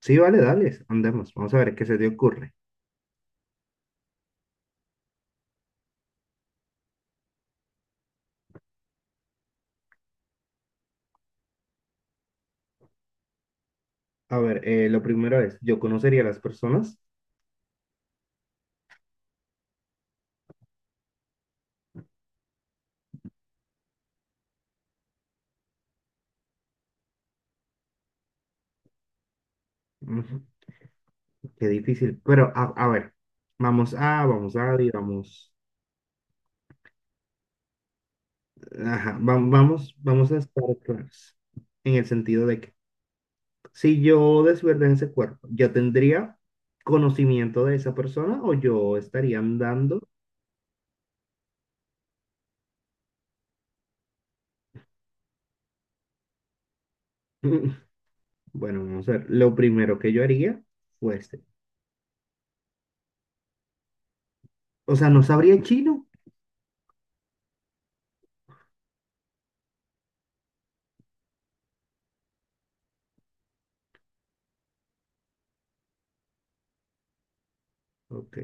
Sí, vale, dale, andemos. Vamos a ver qué se te ocurre. A ver, lo primero es, yo conocería a las personas. Ujú. Qué difícil. Pero, a ver, vamos a, digamos, ajá, vamos a estar claros. En el sentido de que si yo desverde ese cuerpo, ¿yo tendría conocimiento de esa persona o yo estaría andando? Mm, Bueno, vamos a ver. Lo primero que yo haría fuese, o sea, no sabría chino. Ok,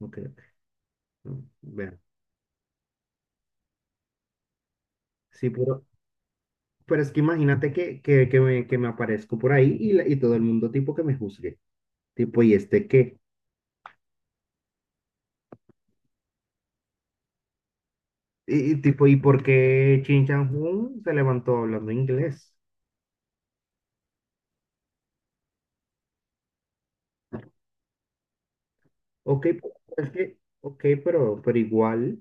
ok, ok. Vean. Sí, pero es que imagínate que, me, aparezco por ahí y, y todo el mundo tipo que me juzgue. Tipo, ¿y este qué? Y tipo, ¿y por qué Chin Chan Hun se levantó hablando inglés? Ok, pero es que, ok, pero igual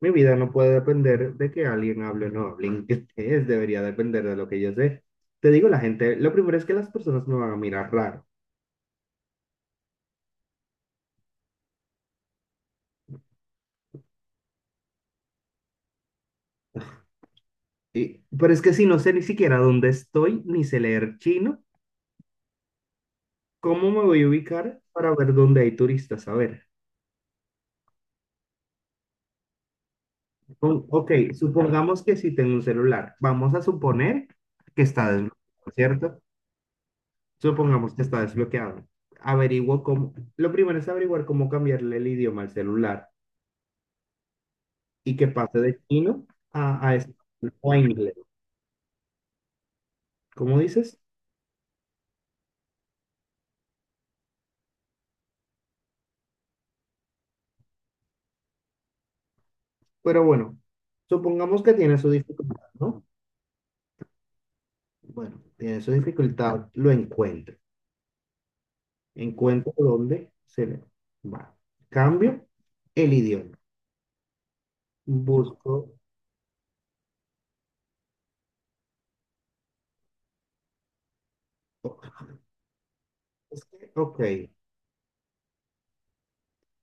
mi vida no puede depender de que alguien hable o no hable inglés. Debería depender de lo que yo sé. Te digo, la gente, lo primero es que las personas me van a mirar raro. Pero es que si no sé ni siquiera dónde estoy, ni sé leer chino, ¿cómo me voy a ubicar para ver dónde hay turistas? A ver. Ok, supongamos que si tengo un celular, vamos a suponer que está desbloqueado, ¿cierto? Supongamos que está desbloqueado. Averiguo cómo, lo primero es averiguar cómo cambiarle el idioma al celular y que pase de chino a español o a inglés. ¿Cómo dices? Pero bueno, supongamos que tiene su dificultad, ¿no? Bueno, tiene su dificultad, lo encuentro. Encuentro dónde se le va. Cambio el idioma. Busco. Ok, es que, ok.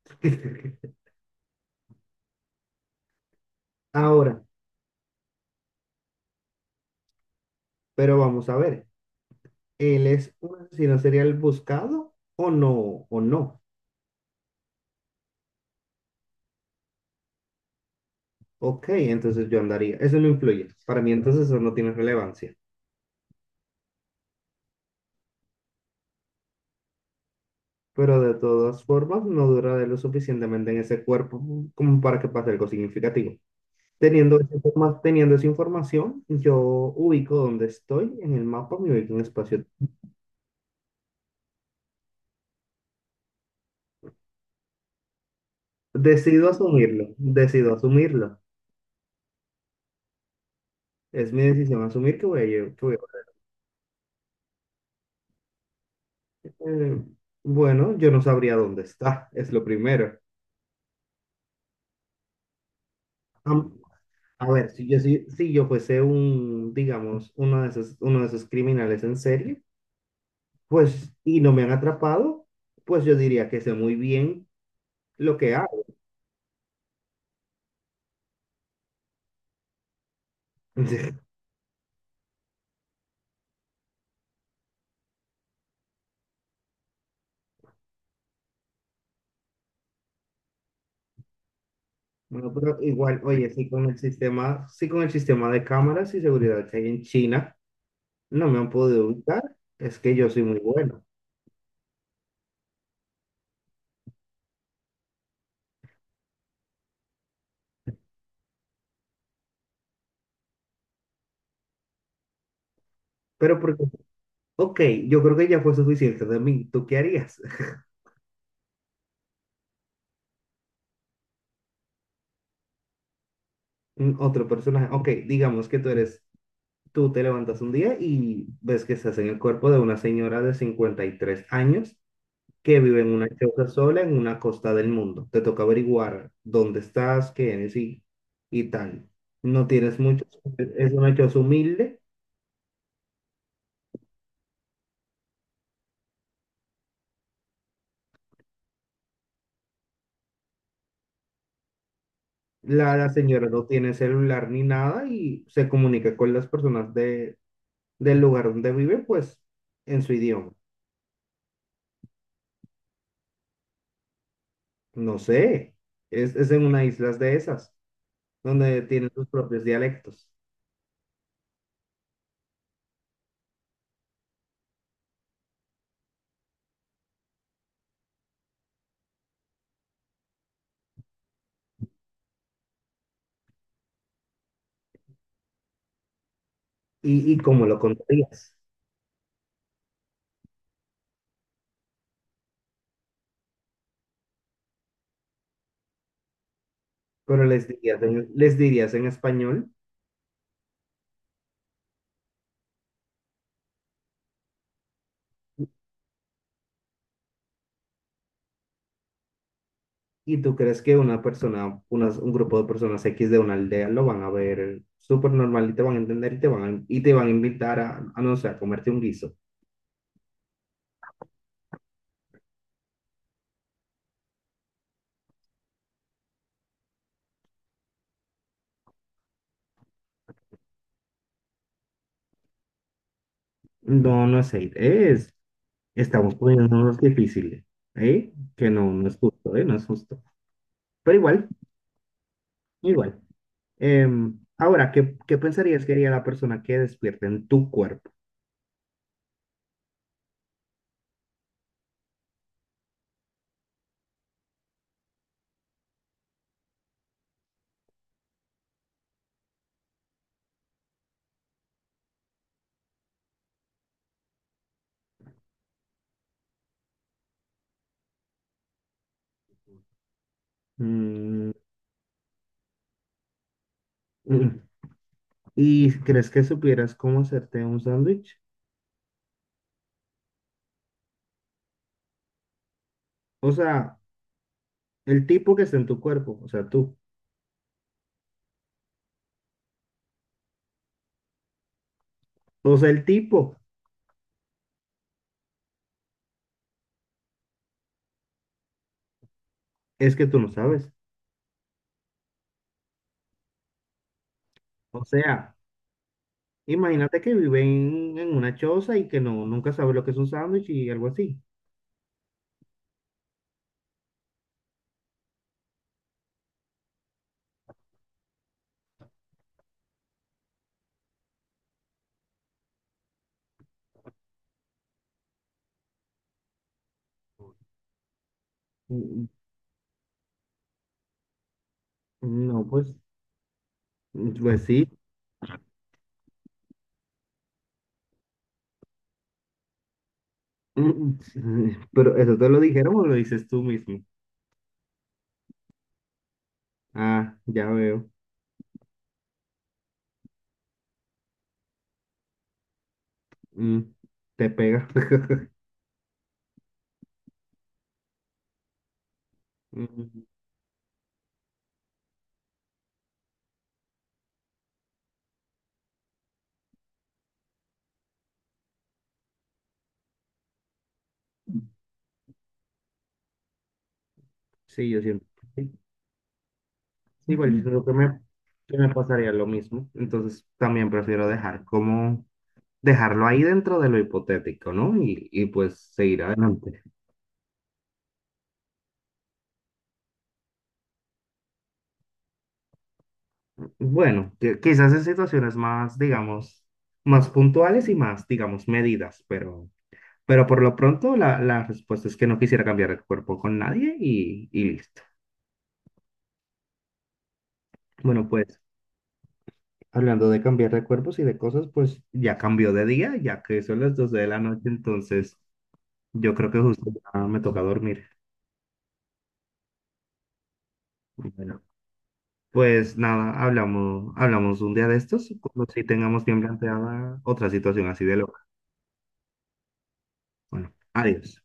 Ahora, pero vamos a ver, ¿él es un asesino serial buscado o no? ¿O no? Ok, entonces yo andaría. Eso no influye. Para mí entonces eso no tiene relevancia. Pero de todas formas, no duraré lo suficientemente en ese cuerpo como para que pase algo significativo. Teniendo esa información, yo ubico dónde estoy en el mapa, me ubico en espacio. Decido asumirlo, decido asumirlo. Es mi decisión asumir que voy a. Eh, bueno, yo no sabría dónde está, es lo primero. Am- a ver, si yo fuese un, digamos, uno de esos criminales en serie, pues, y no me han atrapado, pues yo diría que sé muy bien lo que hago. Bueno, pero igual, oye, sí con el sistema de cámaras y seguridad que hay en China, no me han podido ubicar, es que yo soy muy bueno. Pero porque, ok, yo creo que ya fue suficiente de mí, ¿tú qué harías? Otro personaje. Ok, digamos que tú te levantas un día y ves que estás en el cuerpo de una señora de 53 años que vive en una choza sola en una costa del mundo. Te toca averiguar dónde estás, qué eres y tal. No tienes mucho, es una choza humilde. La señora no tiene celular ni nada y se comunica con las personas del lugar donde vive, pues en su idioma. No sé, es en una isla de esas, donde tienen sus propios dialectos. ¿Y cómo lo contarías? Pero les dirías, en español. Y tú crees que un grupo de personas X de una aldea lo van a ver súper normal y te van a entender y te van a, y te van a invitar a no sé, a comerte un guiso. No, no es hate, estamos poniéndonos difíciles, ¿eh? Que no, no es justo, ¿eh? No es justo. Pero igual, igual. Ahora, ¿¿qué pensarías que haría la persona que despierta en tu cuerpo? Mm, mm, ¿Y crees que supieras cómo hacerte un sándwich? O sea, el tipo que está en tu cuerpo, o sea, tú. O sea, el tipo es que tú no sabes. O sea, imagínate que vive en una choza y que no, nunca sabe lo que es un sándwich y algo así. Mm, No, pues, pues sí. Mm, Pero eso te lo dijeron o lo dices tú mismo. Ah, ya veo. Mm, Te pega. Mm, Sí, yo siento. Sí, igual yo creo que me pasaría lo mismo. Entonces también prefiero dejar como dejarlo ahí dentro de lo hipotético, ¿no? Y pues seguir adelante. Bueno, quizás en situaciones más, digamos, más puntuales y más, digamos, medidas, pero por lo pronto la respuesta es que no quisiera cambiar de cuerpo con nadie y listo. Bueno, pues hablando de cambiar de cuerpos y de cosas, pues ya cambió de día, ya que son las 12 de la noche, entonces yo creo que justo ya me toca dormir. Bueno. Pues nada, hablamos, un día de estos, cuando sí tengamos bien planteada otra situación así de loca. Bueno, adiós.